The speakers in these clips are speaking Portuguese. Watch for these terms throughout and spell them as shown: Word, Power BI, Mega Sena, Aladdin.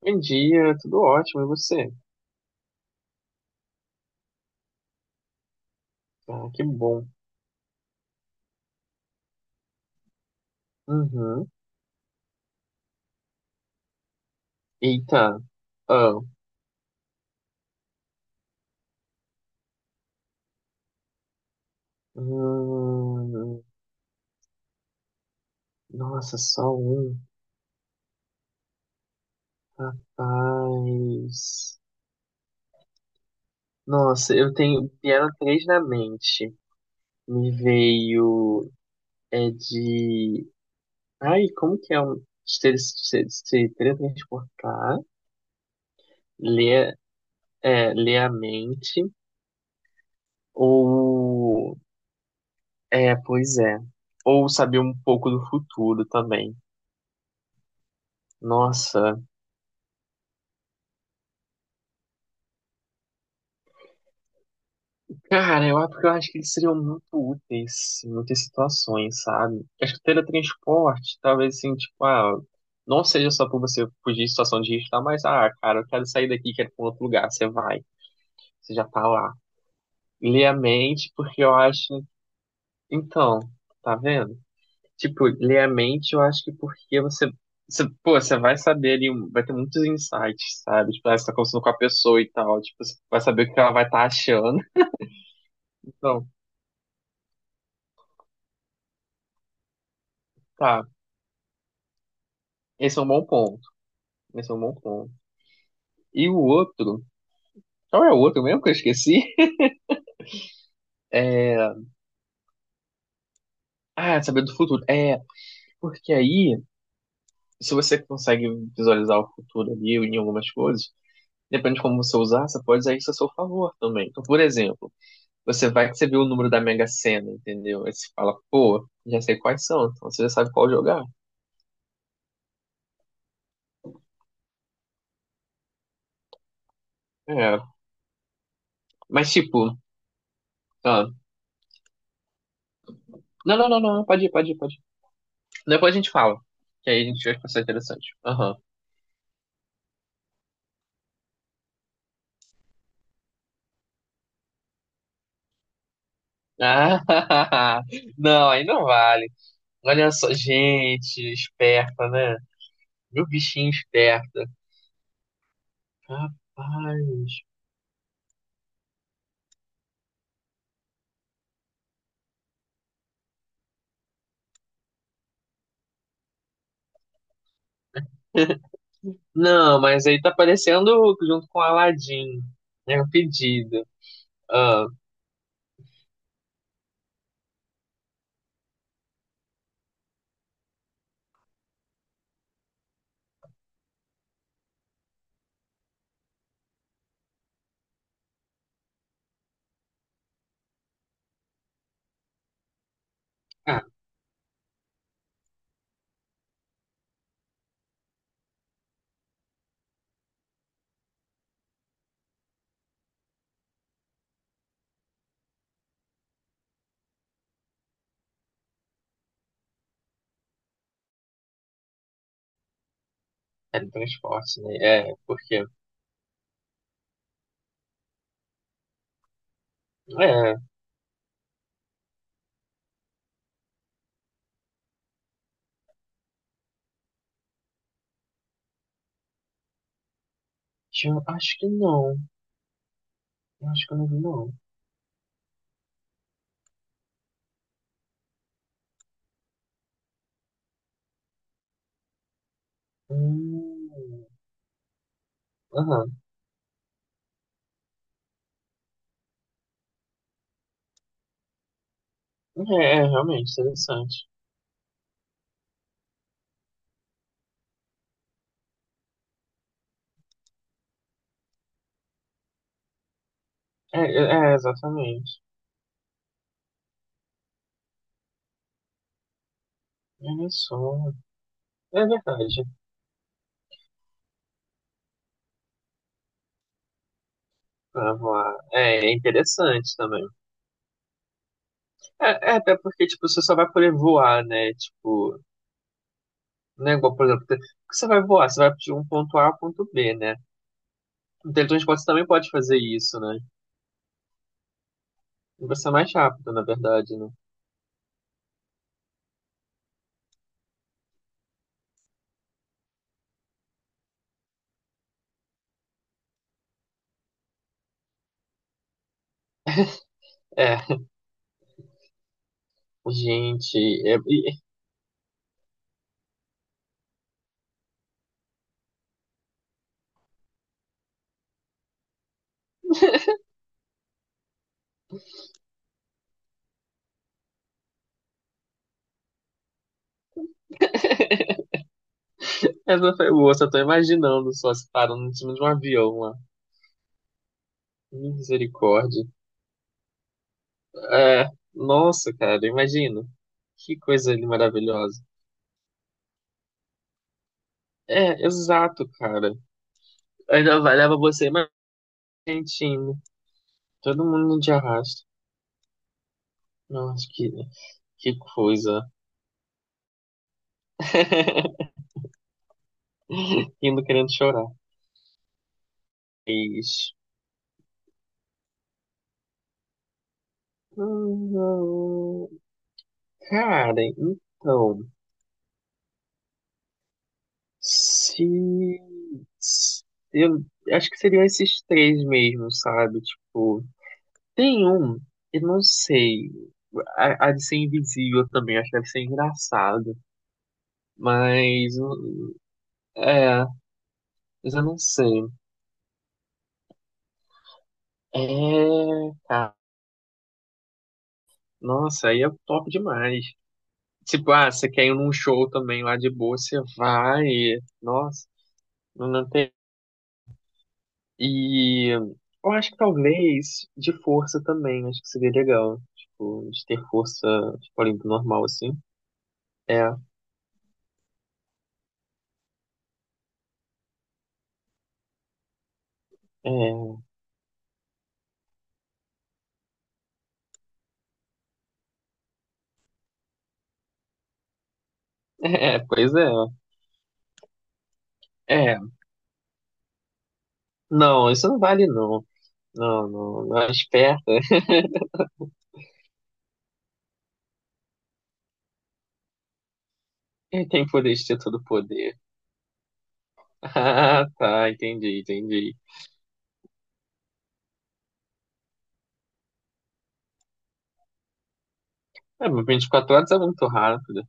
Bom dia, tudo ótimo, e você? Ah, que bom. Uhum. Eita. Ah. Hum, nossa, só um. Rapaz. Nossa, eu tenho. Vieram três na mente. Me veio. É de. Ai, como que é um. Se teletransportar, ler, ler a mente, ou. É, pois é. Ou saber um pouco do futuro também. Nossa. Cara, eu acho que eles seriam muito úteis em muitas situações, sabe? Acho que o teletransporte, talvez assim, tipo, ah, não seja só pra você fugir de situação de risco, tá? Mas, ah, cara, eu quero sair daqui, quero ir pra um outro lugar. Você vai, você já tá lá. Ler a mente, porque eu acho. Então, tá vendo? Tipo, ler a mente, eu acho que porque você. Você, pô, você vai saber ali, vai ter muitos insights, sabe? Tipo, ah, você tá conversando com a pessoa e tal, tipo, você vai saber o que ela vai estar achando. Então, tá, esse é um bom ponto. Esse é um bom ponto. E o outro, qual é o outro mesmo que eu esqueci? Ah, saber do futuro. É, porque aí, se você consegue visualizar o futuro ali em algumas coisas, depende de como você usar, você pode usar isso a seu favor também. Então, por exemplo, você vai que você vê o número da Mega Sena, entendeu? Aí você fala, pô, já sei quais são, então você já sabe qual jogar. É, mas tipo, ah, não, não, não, não, pode ir, pode ir, pode ir. Depois a gente fala, que aí a gente vai passar interessante. Aham. Ah, não, aí não vale. Olha só, gente, esperta, né? Viu o bichinho esperta. Rapaz. Não, mas aí tá aparecendo junto com o Aladdin. É um pedido. Ah, ah, teletransporte, né? É, por quê? É, acho que não. Eu acho que eu não vi, não. Hum, aham. É, é, realmente, interessante. É, é, é, exatamente. Olha só. É verdade. Ah, vamos lá. É, é interessante também. É, é, até porque, tipo, você só vai poder voar, né? Tipo, não é igual, por exemplo, que você vai voar, você vai de um ponto A ao ponto B, né? O teletransporte você também pode fazer isso, né? E vai ser mais rápido, na verdade, né? É, gente, é... e- essa foi boa, só tô imaginando só se parando em cima de um avião lá. Misericórdia. É, nossa, cara, imagina. Que coisa ali maravilhosa. É, exato, cara. Ainda vai, leva você mais gentinho. Todo mundo de arrasto. Nossa, que coisa. Indo querendo chorar. Mas, hum, cara, então. Se. se- Eu acho que seriam esses três mesmo, sabe? Tipo, tem um, eu não sei. A de ser invisível também, acho que deve ser engraçado. Mas. É, mas eu não sei. É, cara. Nossa, aí é top demais. Tipo, ah, você quer ir num show também lá de boa, você vai. Nossa, não, não tem. E eu acho que talvez de força também, acho que seria legal. Tipo, de ter força, tipo, além do normal, assim. É, é, é, pois é. É, não, isso não vale não. Não, não, não é esperta. Ele tem poder de ter todo o poder. Ah, tá, entendi, entendi. É, mas 24 horas é muito rápido.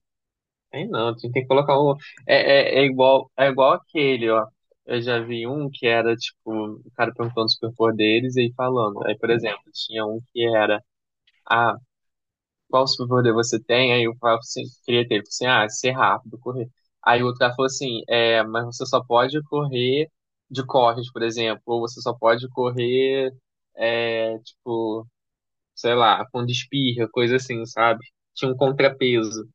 Tem não, a gente tem que colocar o. É, é, é igual aquele, ó. Eu já vi um que era, tipo, o cara perguntando os superpoderes e aí falando. Aí, por exemplo, tinha um que era, ah, qual superpoder você tem? Aí o cara assim, queria ter, ele falou assim, ah, ser rápido, correr. Aí o outro cara falou assim, é, mas você só pode correr de corres, por exemplo, ou você só pode correr, é, tipo, sei lá, com espirra, coisa assim, sabe? Tinha um contrapeso.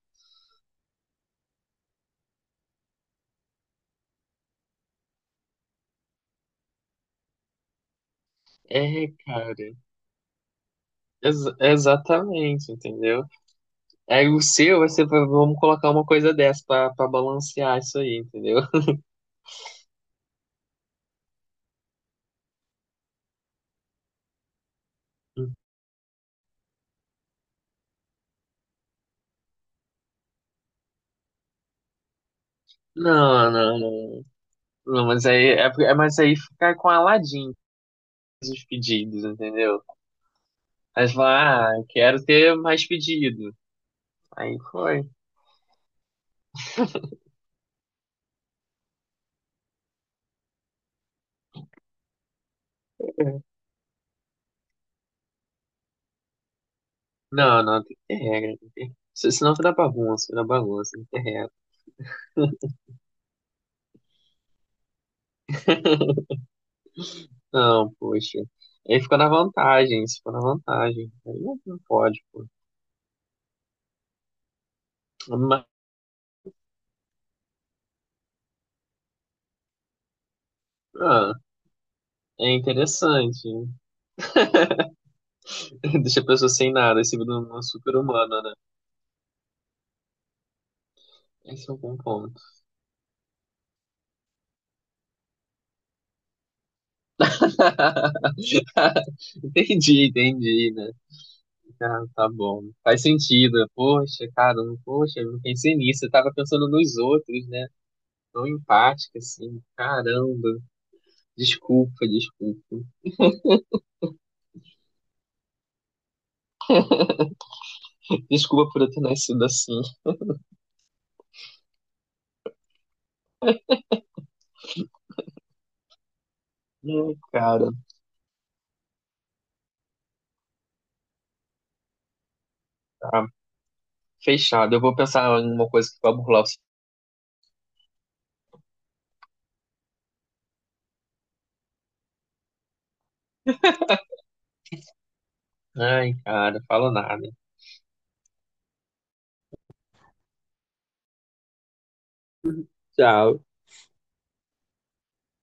É, cara. Exatamente, entendeu? Aí o seu, você vai- ser, pra- vamos colocar uma coisa dessa pra, balancear isso aí, entendeu? Não, não, não. Não, mas aí, é, mas aí ficar com Aladim os pedidos, entendeu? Aí você fala, ah, quero ter mais pedido. Aí foi. Não, não, tem que ter regra. Tem que ter... se- Senão fica na bagunça, tem que ter regra. Não, poxa. Aí fica na vantagem, isso fica na vantagem. Aí não não pode, pô. Mas, ah, é interessante. Né? Deixa a pessoa sem nada, se vira uma super humana, né? Esse é um bom ponto. Entendi, entendi, né? Ah, tá bom. Faz sentido. Poxa, cara, poxa, eu não pensei nisso. Eu tava pensando nos outros, né? Tão empática, assim. Caramba. Desculpa, desculpa. Desculpa por eu ter nascido assim. Ai, cara, tá. Fechado. Eu vou pensar em uma coisa que vai burlar o. Ai, cara, falo nada. Tchau.